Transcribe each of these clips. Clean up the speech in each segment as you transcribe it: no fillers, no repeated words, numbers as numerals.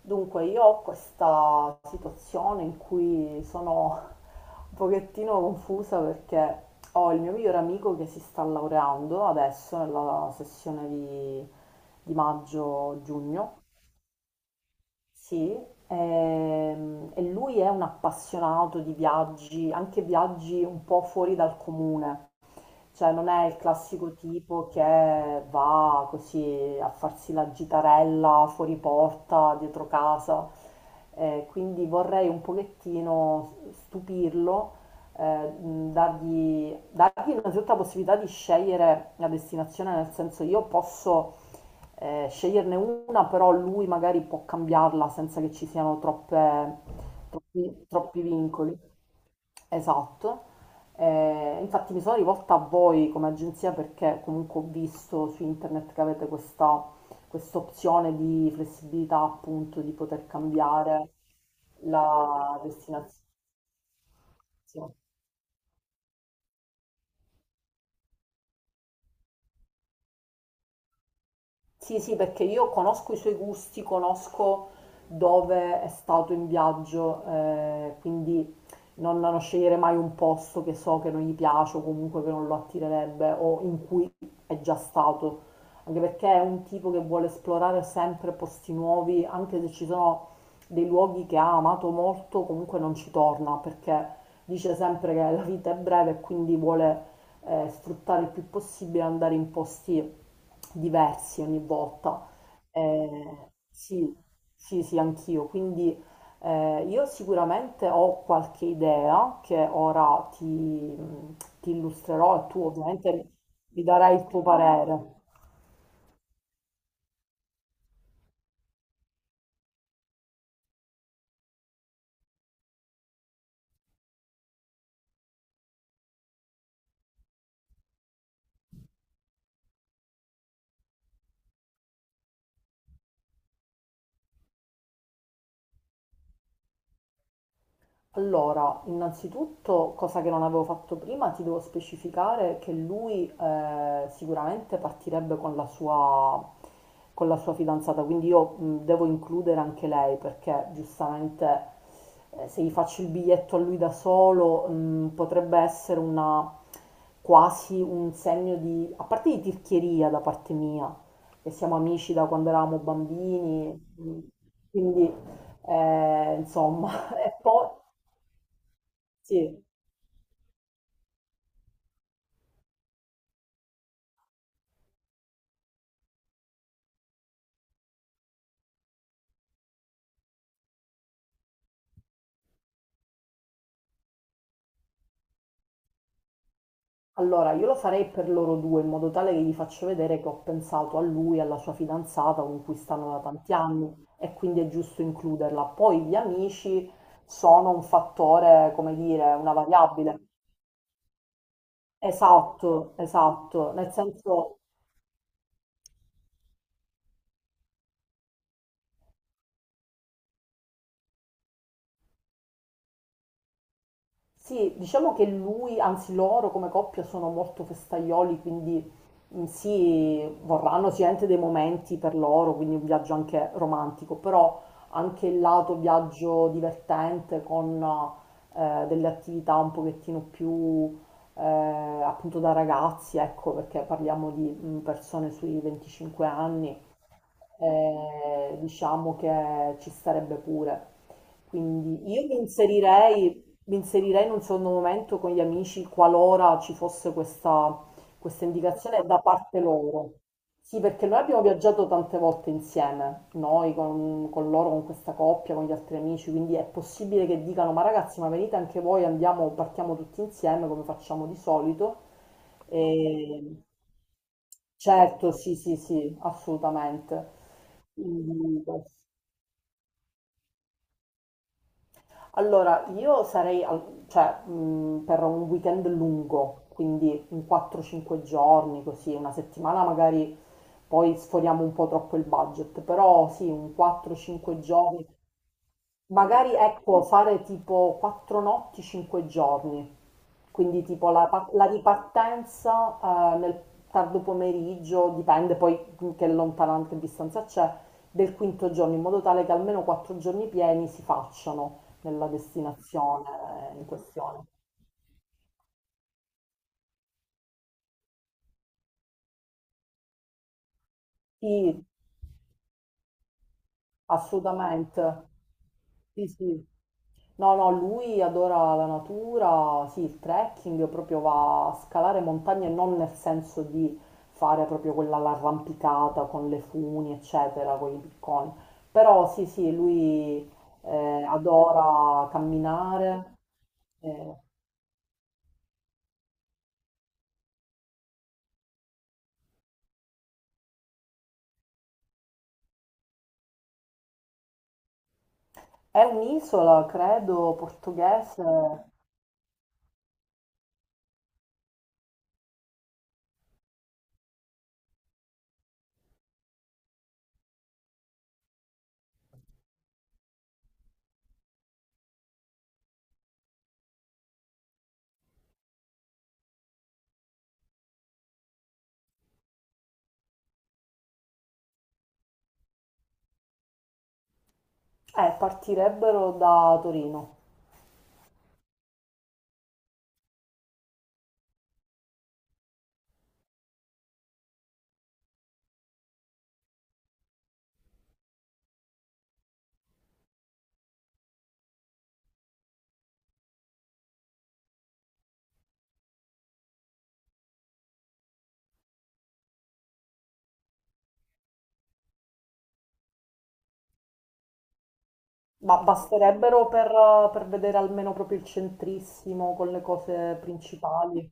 Dunque, io ho questa situazione in cui sono un pochettino confusa perché ho il mio migliore amico che si sta laureando adesso nella sessione di maggio-giugno. Sì, e lui è un appassionato di viaggi, anche viaggi un po' fuori dal comune, cioè non è il classico tipo che va così a farsi la gitarella fuori porta, dietro casa. Quindi vorrei un pochettino stupirlo, dargli innanzitutto la possibilità di scegliere la destinazione, nel senso io posso, sceglierne una, però lui magari può cambiarla senza che ci siano troppi vincoli. Esatto. Infatti mi sono rivolta a voi come agenzia perché comunque ho visto su internet che avete questa opzione di flessibilità, appunto, di poter cambiare la destinazione. Sì, sì, perché io conosco i suoi gusti, conosco dove è stato in viaggio. Eh, quindi non scegliere mai un posto che so che non gli piace o comunque che non lo attirerebbe o in cui è già stato, anche perché è un tipo che vuole esplorare sempre posti nuovi. Anche se ci sono dei luoghi che ha amato molto, comunque non ci torna perché dice sempre che la vita è breve e quindi vuole, sfruttare il più possibile, andare in posti diversi ogni volta. Sì, sì, sì, anch'io. Quindi, io sicuramente ho qualche idea che ora ti illustrerò e tu ovviamente mi darai il tuo parere. Allora, innanzitutto, cosa che non avevo fatto prima, ti devo specificare che lui, sicuramente partirebbe con con la sua fidanzata, quindi io, devo includere anche lei, perché giustamente, se gli faccio il biglietto a lui da solo, potrebbe essere una, quasi un segno di, a parte, di tirchieria da parte mia, che siamo amici da quando eravamo bambini. mh, quindi, insomma, e poi... Sì, allora io lo farei per loro due, in modo tale che gli faccio vedere che ho pensato a lui, alla sua fidanzata con cui stanno da tanti anni, e quindi è giusto includerla. Poi gli amici sono un fattore, come dire, una variabile. Esatto, esatto, nel senso. Sì, diciamo che lui, anzi loro come coppia sono molto festaioli, quindi, sì, vorranno sicuramente dei momenti per loro, quindi un viaggio anche romantico, però anche il lato viaggio divertente, con, delle attività un pochettino più, eh, appunto, da ragazzi, ecco, perché parliamo di, persone sui 25 anni. Diciamo che ci starebbe pure. Quindi io mi inserirei in un secondo momento con gli amici, qualora ci fosse questa indicazione da parte loro. Sì, perché noi abbiamo viaggiato tante volte insieme, noi con loro, con questa coppia, con gli altri amici, quindi è possibile che dicano: ma ragazzi, ma venite anche voi, andiamo, partiamo tutti insieme come facciamo di solito. E... Certo, sì, sì, sì, assolutamente. Quindi, questo. Allora, io sarei, cioè, per un weekend lungo, quindi un 4-5 giorni, così, una settimana magari poi sforiamo un po' troppo il budget, però sì, un 4-5 giorni, magari, ecco, fare tipo 4 notti, 5 giorni, quindi tipo la ripartenza, nel tardo pomeriggio, dipende poi che lontananza, che distanza c'è, del quinto giorno, in modo tale che almeno quattro giorni pieni si facciano nella destinazione, in questione. Sì, assolutamente. Sì, sì. No, no, lui adora la natura, sì, il trekking, proprio va a scalare montagne, non nel senso di fare proprio quella l'arrampicata con le funi, eccetera, con i picconi. Però sì, sì, lui, adora camminare. eh. È un'isola, credo, portoghese. Partirebbero da Torino. Ma basterebbero per vedere almeno proprio il centrissimo con le cose principali.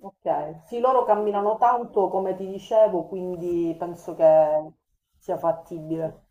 Ok, sì, loro camminano tanto, come ti dicevo, quindi penso che sia fattibile.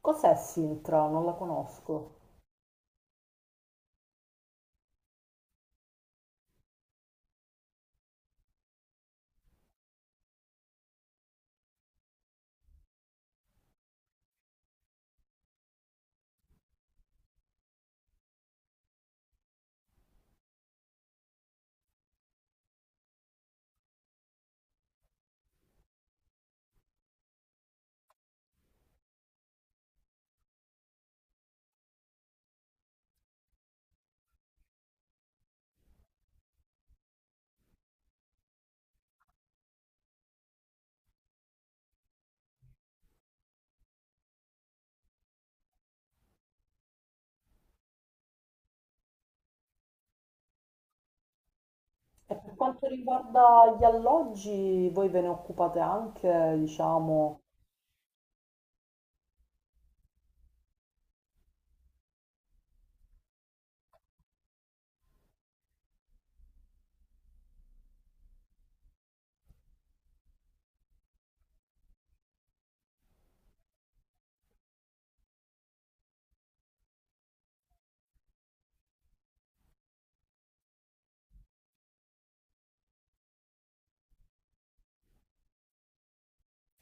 Cos'è Sintra? Non la conosco. E per quanto riguarda gli alloggi, voi ve ne occupate anche, diciamo?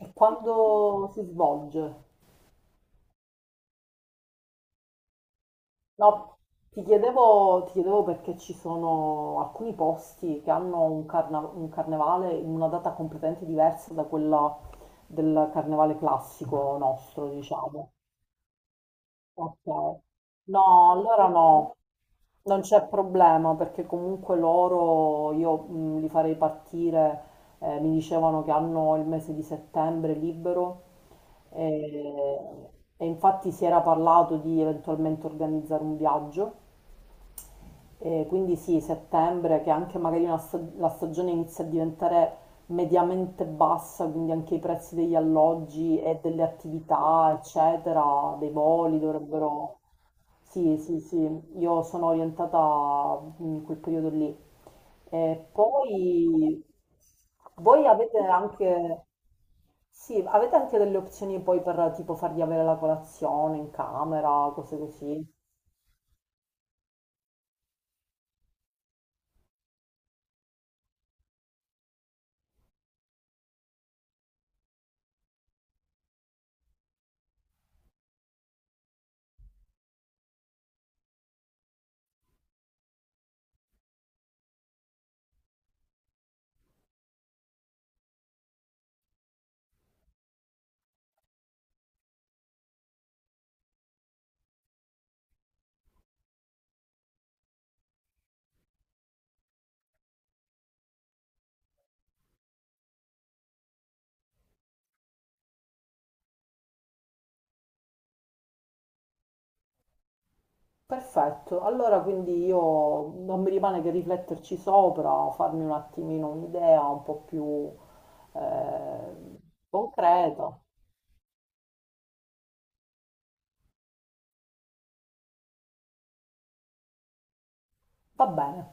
E quando si svolge? No, ti chiedevo perché ci sono alcuni posti che hanno un, un carnevale in una data completamente diversa da quella del carnevale classico nostro, diciamo. Ok. No, allora no, non c'è problema, perché comunque loro io, li farei partire. Mi dicevano che hanno il mese di settembre libero, e infatti si era parlato di eventualmente organizzare un viaggio, e quindi sì, settembre, che anche magari una la stagione inizia a diventare mediamente bassa, quindi anche i prezzi degli alloggi e delle attività, eccetera, dei voli dovrebbero... Sì, sì, sì, io sono orientata, in quel periodo lì. E poi voi avete anche, sì, avete anche delle opzioni poi per tipo fargli avere la colazione in camera, cose così. Perfetto, allora quindi io non mi rimane che rifletterci sopra, farmi un attimino un'idea un po' più, eh, concreta. Va bene.